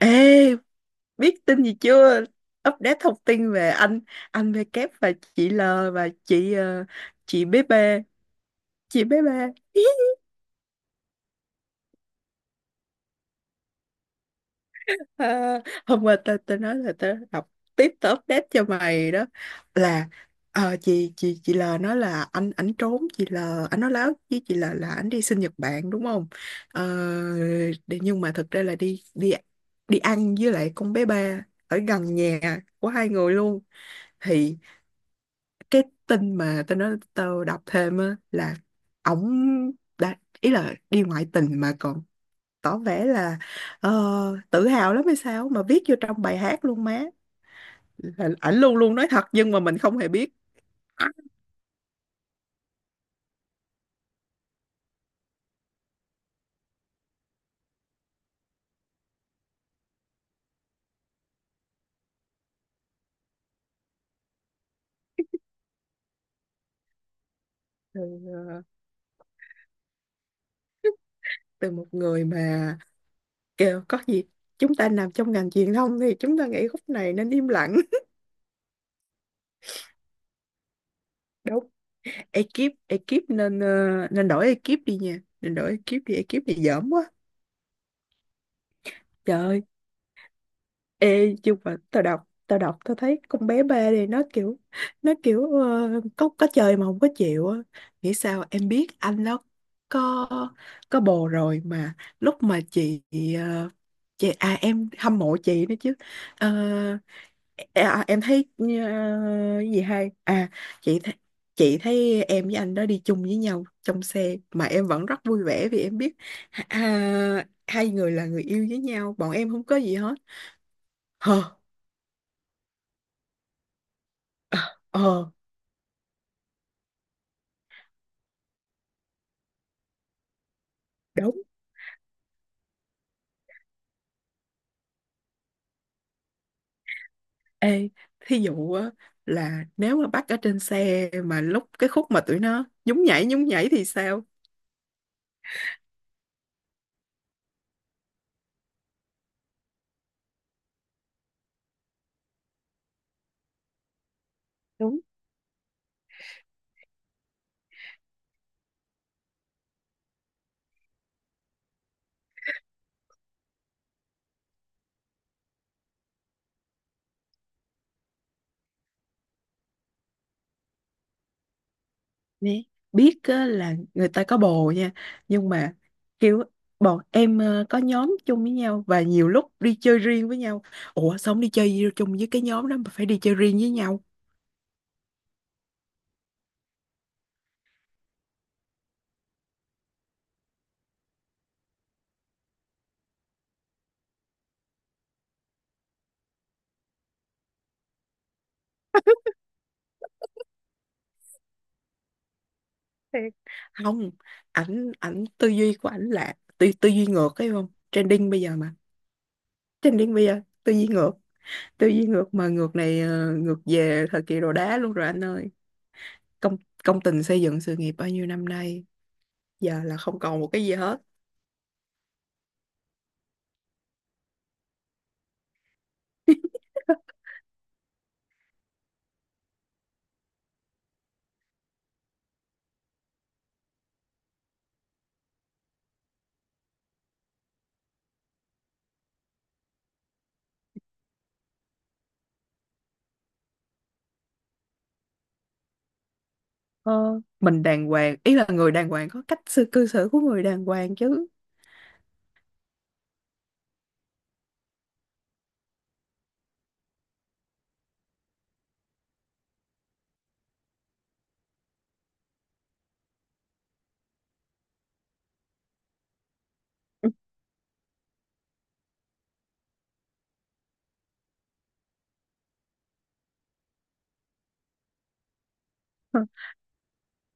Ê, biết tin gì chưa? Update thông tin về anh V kép và chị L và chị chị bé bê, chị bé bê. à, Hôm qua tao tao nói là tao đọc tiếp, tao update cho mày đó, là chị L nói là anh ảnh trốn chị L. Anh nói láo với chị L là anh đi sinh Nhật Bản, đúng không? Ờ, nhưng mà thực ra là đi đi đi ăn với lại con bé ba ở gần nhà của hai người luôn. Thì cái tin mà tao nói tao đọc thêm á là ổng đã, ý là đi ngoại tình mà còn tỏ vẻ là, ờ, tự hào lắm hay sao mà viết vô trong bài hát luôn má, là ảnh luôn luôn nói thật nhưng mà mình không hề biết. từ, ờ, Từ một người mà kêu có gì, chúng ta nằm trong ngành truyền thông thì chúng ta nghĩ khúc này nên im lặng. Đúng. Ekip ekip nên nên đổi ekip đi nha, nên đổi ekip đi, ekip này dởm quá. Trời. Ê, nhưng mà tao thấy con bé ba này nó kiểu có chơi mà không có chịu á. Nghĩ sao em biết anh nó có có bồ rồi mà, lúc mà chị ờ, à, em hâm mộ chị nữa chứ. Ờ, em thấy cái gì hay, à chị thấy, chị thấy em với anh đó đi chung với nhau trong xe mà em vẫn rất vui vẻ vì em biết à, hai người là người yêu với nhau, bọn em không có gì hết. Ờ, à, ờ, Đúng. Ê, thí dụ á, là nếu mà bắt ở trên xe mà lúc cái khúc mà tụi nó nhún nhảy thì sao? Đúng nè. Biết á, là người ta có bồ nha, nhưng mà kiểu bọn em có nhóm chung với nhau và nhiều lúc đi chơi riêng với nhau. Ủa sao không đi chơi chung với cái nhóm đó mà phải đi chơi riêng với nhau? Thiệt. Không, ảnh ảnh tư duy của ảnh là tư tư duy ngược ấy không? Trending bây giờ mà. Trending bây giờ tư duy ngược. Tư duy ngược mà ngược này ngược về thời kỳ đồ đá luôn rồi anh ơi. Công công tình xây dựng sự nghiệp bao nhiêu năm nay giờ là không còn một cái gì hết. Ờ, mình đàng hoàng, ý là người đàng hoàng có cách sự cư xử của người đàng hoàng chứ.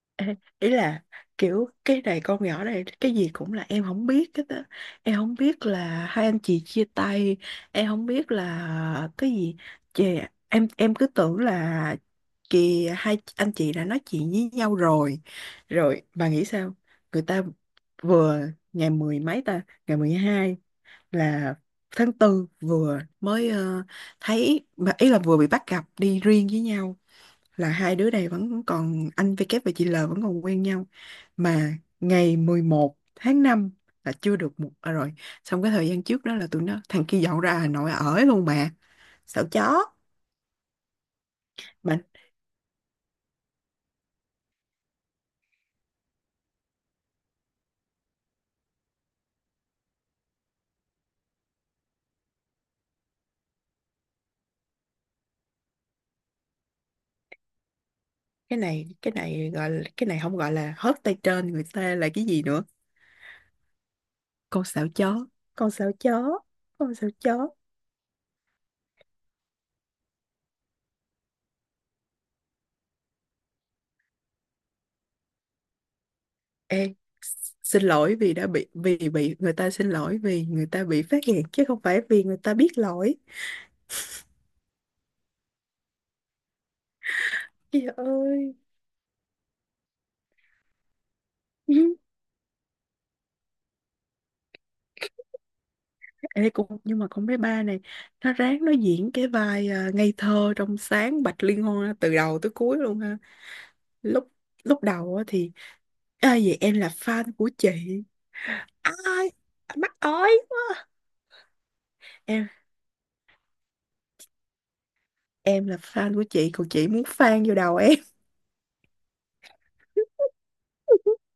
Ê, ý là kiểu cái này con nhỏ này cái gì cũng là em không biết hết á, em không biết là hai anh chị chia tay, em không biết là cái gì chị, em cứ tưởng là kì hai anh chị đã nói chuyện với nhau rồi. Rồi bà nghĩ sao, người ta vừa, ngày mười mấy ta, ngày mười hai, là tháng tư vừa mới thấy mà ý là vừa bị bắt gặp đi riêng với nhau, là hai đứa này vẫn còn, anh V kép và chị L vẫn còn quen nhau, mà ngày 11 tháng 5 là chưa được một à, rồi. Xong cái thời gian trước đó là tụi nó thằng kia dọn ra Hà Nội ở luôn mà. Sợ chó. Mà cái này gọi là, cái này không gọi là hớt tay trên người ta là cái gì nữa. Con sợ chó, con sợ chó, con sợ chó. Ê, xin lỗi vì đã bị, vì bị người ta, xin lỗi vì người ta bị phát hiện chứ không phải vì người ta biết lỗi. Trời ơi. Ê, cũng nhưng mà con bé ba này nó ráng nó diễn cái vai, à, ngây thơ trong sáng Bạch Liên Hoa từ đầu tới cuối luôn ha. Lúc lúc đầu á thì à, vậy em là fan của chị. Ai, anh mắc ơi, em em là fan của chị còn chị muốn fan vô đầu em.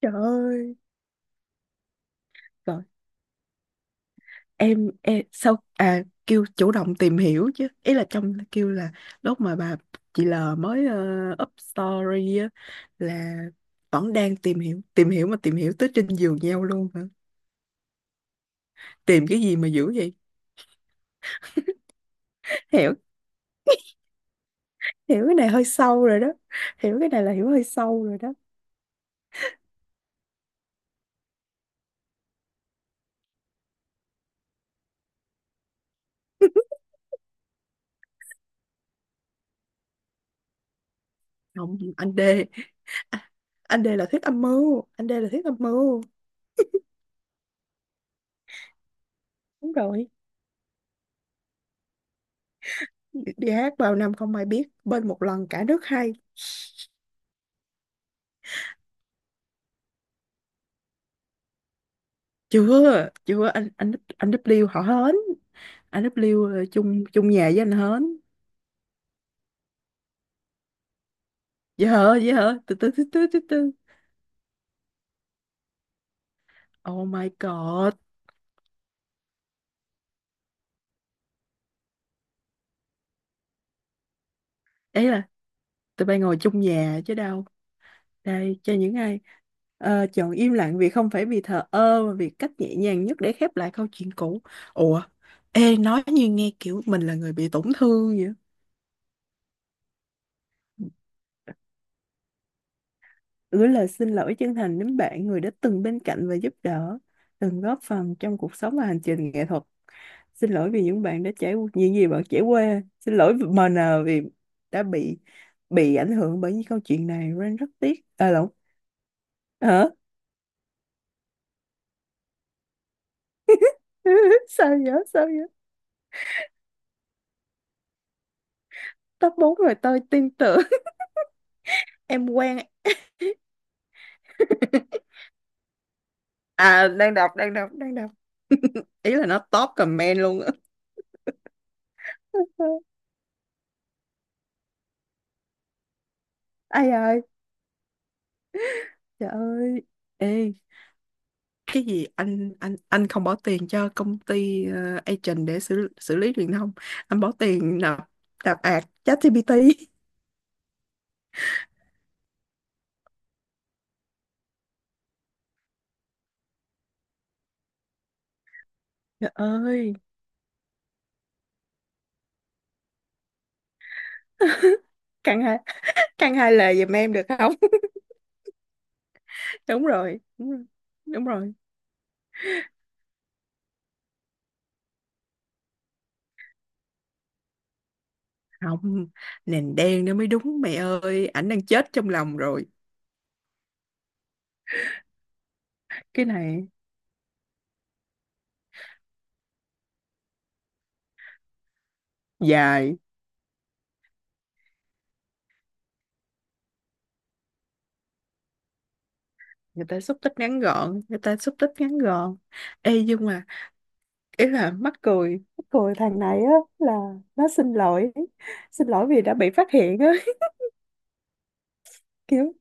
Trời ơi. Rồi em sau à kêu chủ động tìm hiểu chứ, ý là trong kêu là lúc mà bà, chị L mới up story á, là vẫn đang tìm hiểu. Tìm hiểu mà tìm hiểu tới trên giường nhau luôn hả? Tìm cái gì mà dữ vậy? Hiểu, hiểu cái này hơi sâu rồi đó. Hiểu cái này là hiểu hơi sâu rồi đó. Không, anh D, à, anh D là thuyết âm mưu, anh D là thuyết âm mưu. Đúng rồi. Đi hát vào năm không ai biết bên một lần cả nước hay. Chưa chưa, anh W họ hến, anh W là chung chung nhà với anh hến. Dễ hở, dễ hở, từ từ từ từ từ từ. Oh my god. Ấy là tụi bay ngồi chung nhà chứ đâu. Đây cho những ai chọn im lặng vì không phải vì thờ ơ mà vì cách nhẹ nhàng nhất để khép lại câu chuyện cũ. Ủa, ê, nói như nghe kiểu mình là người bị tổn thương vậy. Gửi lời xin lỗi chân thành đến bạn, người đã từng bên cạnh và giúp đỡ, từng góp phần trong cuộc sống và hành trình nghệ thuật. Xin lỗi vì những bạn đã trải, những gì bạn trải qua. Xin lỗi MN vì đã bị ảnh hưởng bởi những câu chuyện này. Ren rất tiếc. À lộn. Hả? Sao vậy? Sao vậy? Top 4 rồi tôi tin tưởng. Em quen. À đang đọc, đang đọc, đang đọc. Ý là nó top comment luôn á. Ai ơi, trời ơi. Ê, cái gì anh không bỏ tiền cho công ty, agent để xử xử lý truyền thông, anh bỏ tiền nạp nạp ạt ChatGPT. Trời ơi. Căn hai, căn hai lời giùm em được không? Đúng rồi, đúng rồi, đúng rồi. Không, nền đen nó mới đúng, mẹ ơi ảnh đang chết trong lòng rồi. Cái này dài. Người ta xúc tích ngắn gọn, người ta xúc tích ngắn gọn. Ê nhưng mà ý là mắc cười, mắc cười thằng này á, là nó xin lỗi, xin lỗi vì đã bị phát hiện á. Kiểu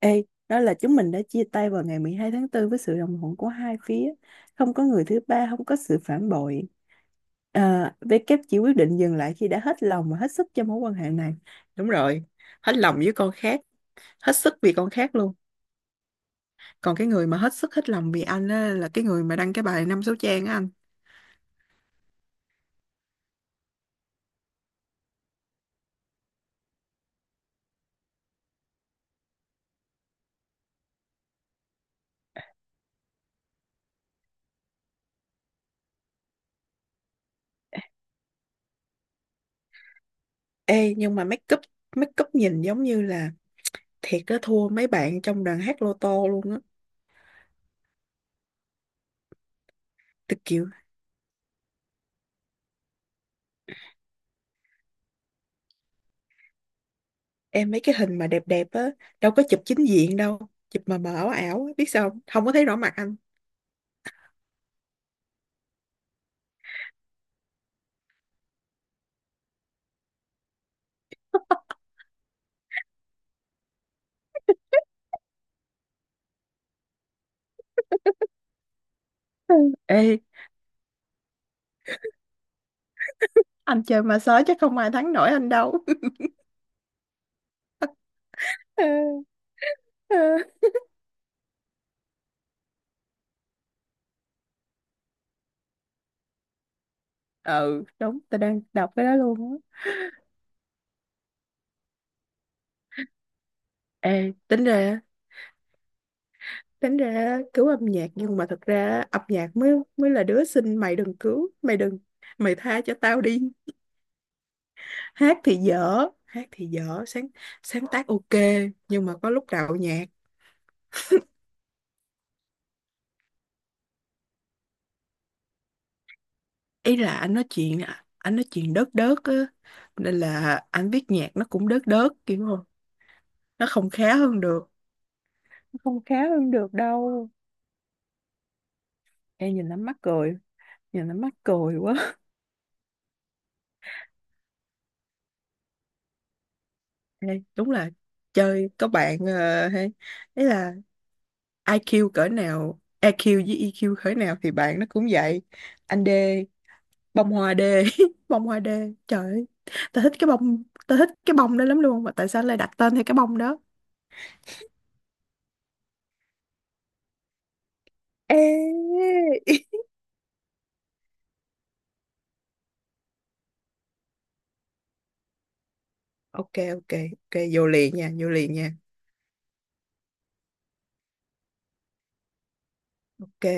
ê đó là chúng mình đã chia tay vào ngày 12 tháng 4 với sự đồng thuận của hai phía, không có người thứ ba, không có sự phản bội. À, W chỉ quyết định dừng lại khi đã hết lòng và hết sức cho mối quan hệ này. Đúng rồi, hết lòng với con khác, hết sức vì con khác luôn. Còn cái người mà hết sức hết lòng vì anh á, là cái người mà đăng cái bài năm số trang á anh. Ê nhưng mà make up nhìn giống như là, thiệt á, thua mấy bạn trong đoàn hát lô tô luôn á. Tôi kiểu, em mấy cái hình mà đẹp đẹp á đâu có chụp chính diện đâu, chụp mà mờ ảo ảo á, biết sao không, không có thấy rõ mặt anh. Ừ. Ê, anh chơi mà sói chắc không ai thắng nổi anh đâu. Ờ, ờ. Ừ, đúng, tao đang đọc cái đó luôn á. Ê, tính ra, tính ra cứu âm nhạc nhưng mà thật ra âm nhạc mới, mới là đứa xinh, mày đừng cứu, mày đừng, mày tha cho tao đi. Hát thì dở, hát thì dở, sáng sáng tác ok nhưng mà có lúc đạo nhạc. Ý là anh nói chuyện đớt đớt á, nên là anh viết nhạc nó cũng đớt đớt kiểu không, nó không khá hơn được. Nó không khá hơn được đâu. em nhìn nó mắc cười nhìn nó mắc cười quá. Ê, đúng là chơi có bạn hay ấy là IQ cỡ nào, EQ với EQ cỡ nào thì bạn nó cũng vậy. Anh D, bông hoa đê. Bông hoa đê, trời ơi, tao thích cái bông đó lắm luôn mà tại sao lại đặt tên theo cái bông đó. Ê. Ok, ok, ok vô liền nha, vô liền nha. Ok.